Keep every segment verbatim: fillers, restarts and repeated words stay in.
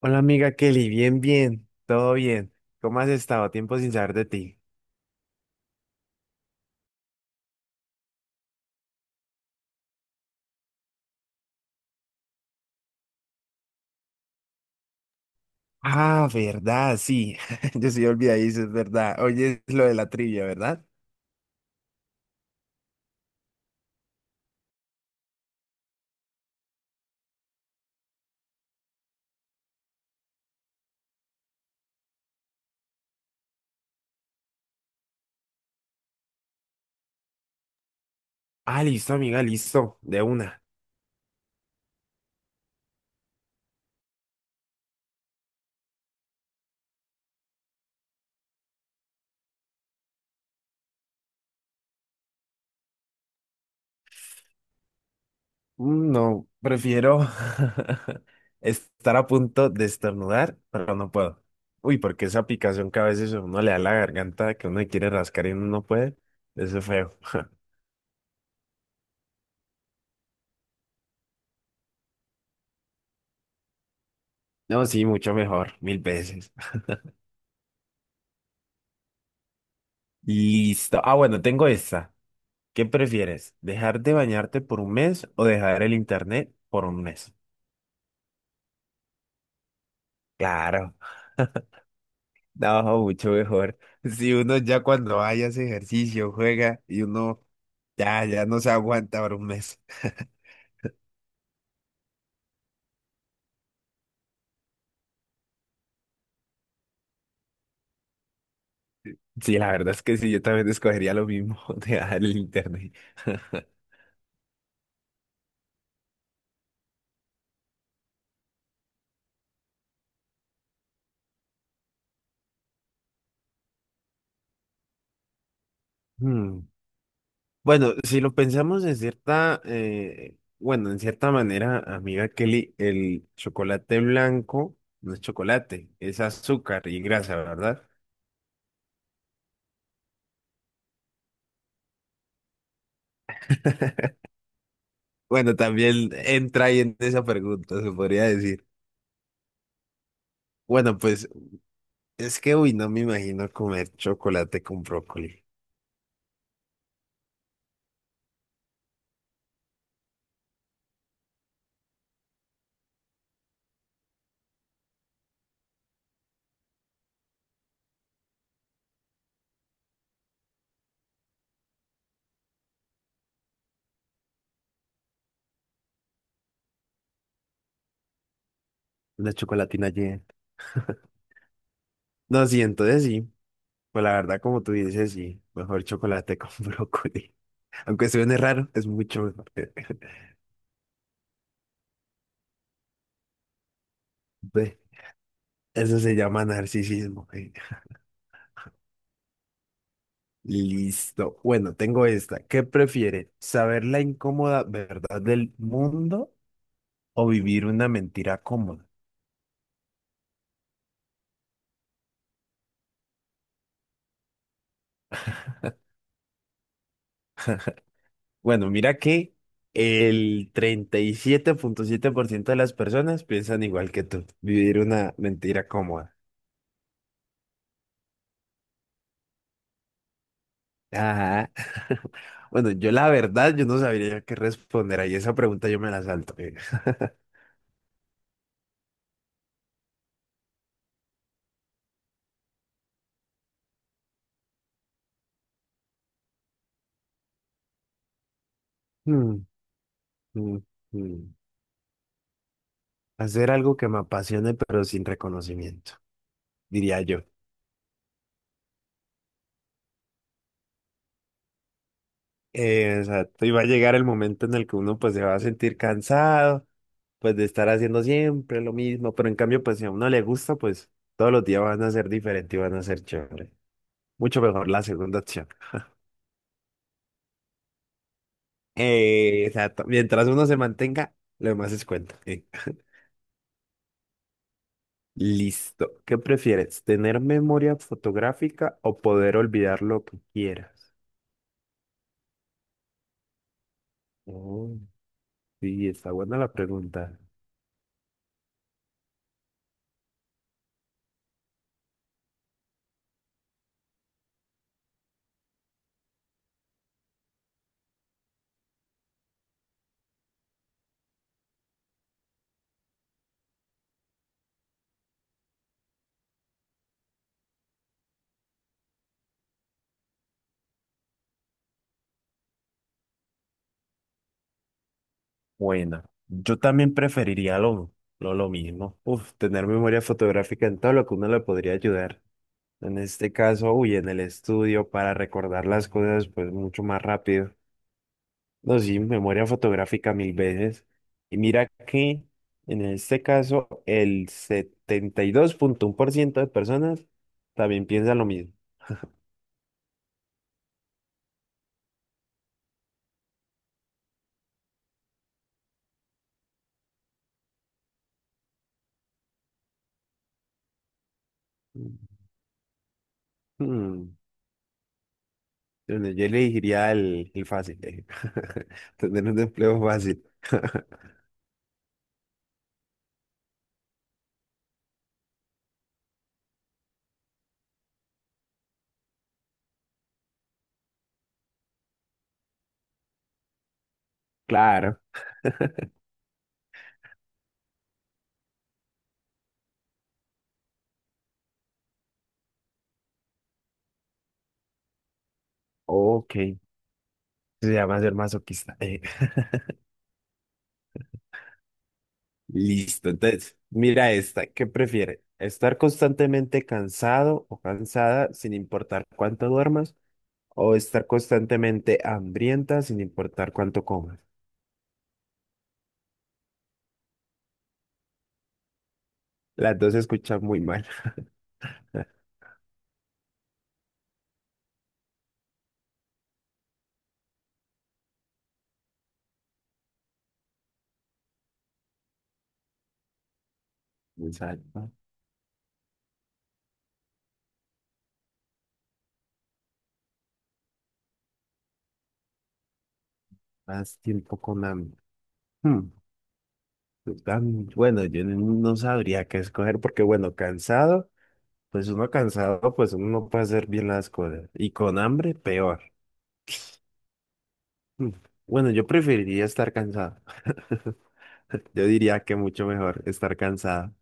Hola amiga Kelly, bien, bien, todo bien. ¿Cómo has estado? Tiempo sin saber de ti. Ah, verdad, sí. Yo sí olvidadizo, es verdad. Oye, es lo de la trivia, ¿verdad? Ah, listo, amiga, listo, de una. Mm, No, prefiero estar a punto de estornudar, pero no puedo. Uy, porque esa picazón que a veces a uno le da la garganta, que uno le quiere rascar y uno no puede, eso es feo. No, sí, mucho mejor, mil veces. Listo. Ah, bueno, tengo esta. ¿Qué prefieres? ¿Dejar de bañarte por un mes o dejar el internet por un mes? Claro, no, mucho mejor. Si uno ya cuando vaya hace ejercicio, juega y uno ya, ya no se aguanta por un mes. Sí, la verdad es que sí, yo también escogería lo mismo, dejar el internet. Hmm. Bueno, si lo pensamos en cierta, eh, bueno, en cierta manera, amiga Kelly, el chocolate blanco no es chocolate, es azúcar y grasa, ¿verdad? Bueno, también entra ahí en esa pregunta, se podría decir. Bueno, pues es que, uy, no me imagino comer chocolate con brócoli. Una chocolatina llena. No, sí, entonces sí. Pues la verdad, como tú dices, sí. Mejor chocolate con brócoli. Aunque suene raro, es mucho mejor. Ve, Eso se llama narcisismo. eh. Listo. Bueno, tengo esta. ¿Qué prefiere? ¿Saber la incómoda verdad del mundo o vivir una mentira cómoda? Bueno, mira que el treinta y siete siete punto siete por ciento de las personas piensan igual que tú, vivir una mentira cómoda. Ajá. Bueno, yo la verdad, yo no sabría qué responder ahí. Esa pregunta yo me la salto. eh. Mm, mm, mm. Hacer algo que me apasione pero sin reconocimiento, diría yo. Eh, o sea, te iba a llegar el momento en el que uno pues se va a sentir cansado, pues de estar haciendo siempre lo mismo, pero en cambio, pues si a uno le gusta, pues todos los días van a ser diferentes y van a ser chévere. Mucho mejor la segunda opción. Eh, exacto. Mientras uno se mantenga, lo demás es cuenta. Eh, Listo. ¿Qué prefieres? ¿Tener memoria fotográfica o poder olvidar lo que quieras? Oh, sí, está buena la pregunta. Buena. Yo también preferiría lo, lo, lo mismo. Uf, tener memoria fotográfica en todo lo que uno le podría ayudar. En este caso, uy, en el estudio para recordar las cosas, pues mucho más rápido. No, sí, memoria fotográfica mil veces. Y mira que en este caso, el setenta y dos punto uno por ciento de personas también piensa lo mismo. Hmm, entonces yo elegiría el, el fácil, eh, tener un empleo fácil. Claro, ok, se llama ser masoquista. eh. Listo, entonces, mira esta, ¿qué prefiere? ¿Estar constantemente cansado o cansada sin importar cuánto duermas? ¿O estar constantemente hambrienta sin importar cuánto comas? Las dos se escuchan muy mal. Pensar más tiempo con hambre. Hmm, pues, tan- Bueno, yo no no sabría qué escoger porque, bueno, cansado, pues uno cansado, pues uno no puede hacer bien las cosas. Y con hambre, peor. Hmm, Bueno, yo preferiría estar cansado. Yo diría que mucho mejor estar cansada.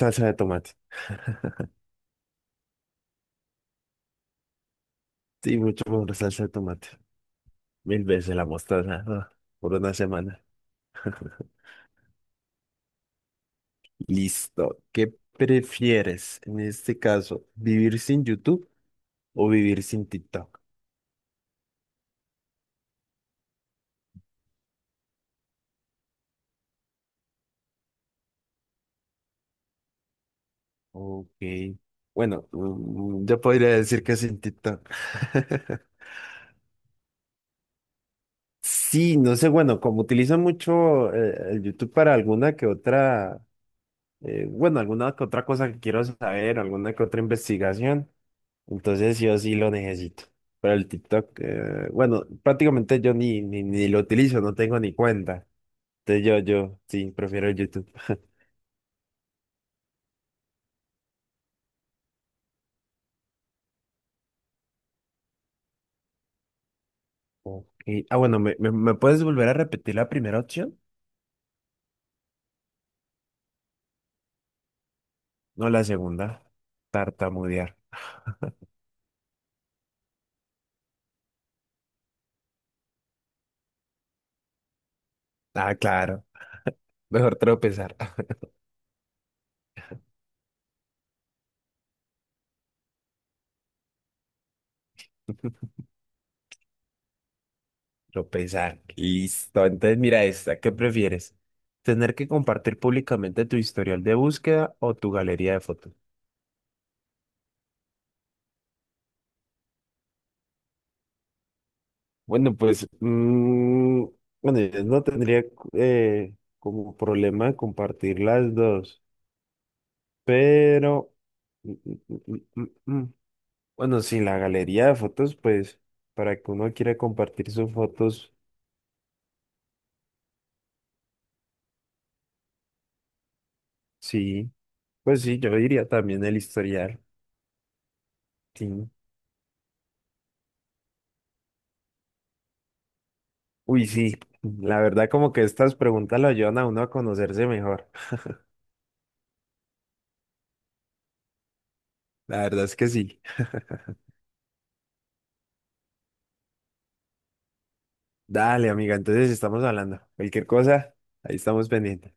Salsa de tomate. Sí, mucho mejor salsa de tomate. Mil veces la mostaza, ah, por una semana. Listo. ¿Qué prefieres en este caso? ¿Vivir sin YouTube o vivir sin TikTok? Ok. Bueno, mm, yo podría decir que sin TikTok. Sí, no sé, bueno, como utilizan mucho eh, el YouTube para alguna que otra eh, bueno, alguna que otra cosa que quiero saber, alguna que otra investigación. Entonces yo sí lo necesito. Pero el TikTok, eh, bueno, prácticamente yo ni, ni, ni lo utilizo, no tengo ni cuenta. Entonces yo, yo sí, prefiero el YouTube. Ok. Ah, bueno, ¿me, me, me puedes volver a repetir la primera opción? No, la segunda. Tartamudear. Ah, claro. Mejor tropezar. Tropezar. Listo. Entonces mira esta. ¿Qué prefieres? ¿Tener que compartir públicamente tu historial de búsqueda o tu galería de fotos? Bueno, pues, mm, bueno, yo no tendría eh, como problema compartir las dos, pero, mm, mm, mm, mm, mm. bueno, sí, la galería de fotos, pues, para que uno quiera compartir sus fotos, sí, pues sí, yo diría también el historial, sí. Uy, sí, la verdad como que estas preguntas lo ayudan a uno a conocerse mejor, la verdad es que sí. Dale, amiga, entonces estamos hablando, cualquier cosa, ahí estamos pendientes.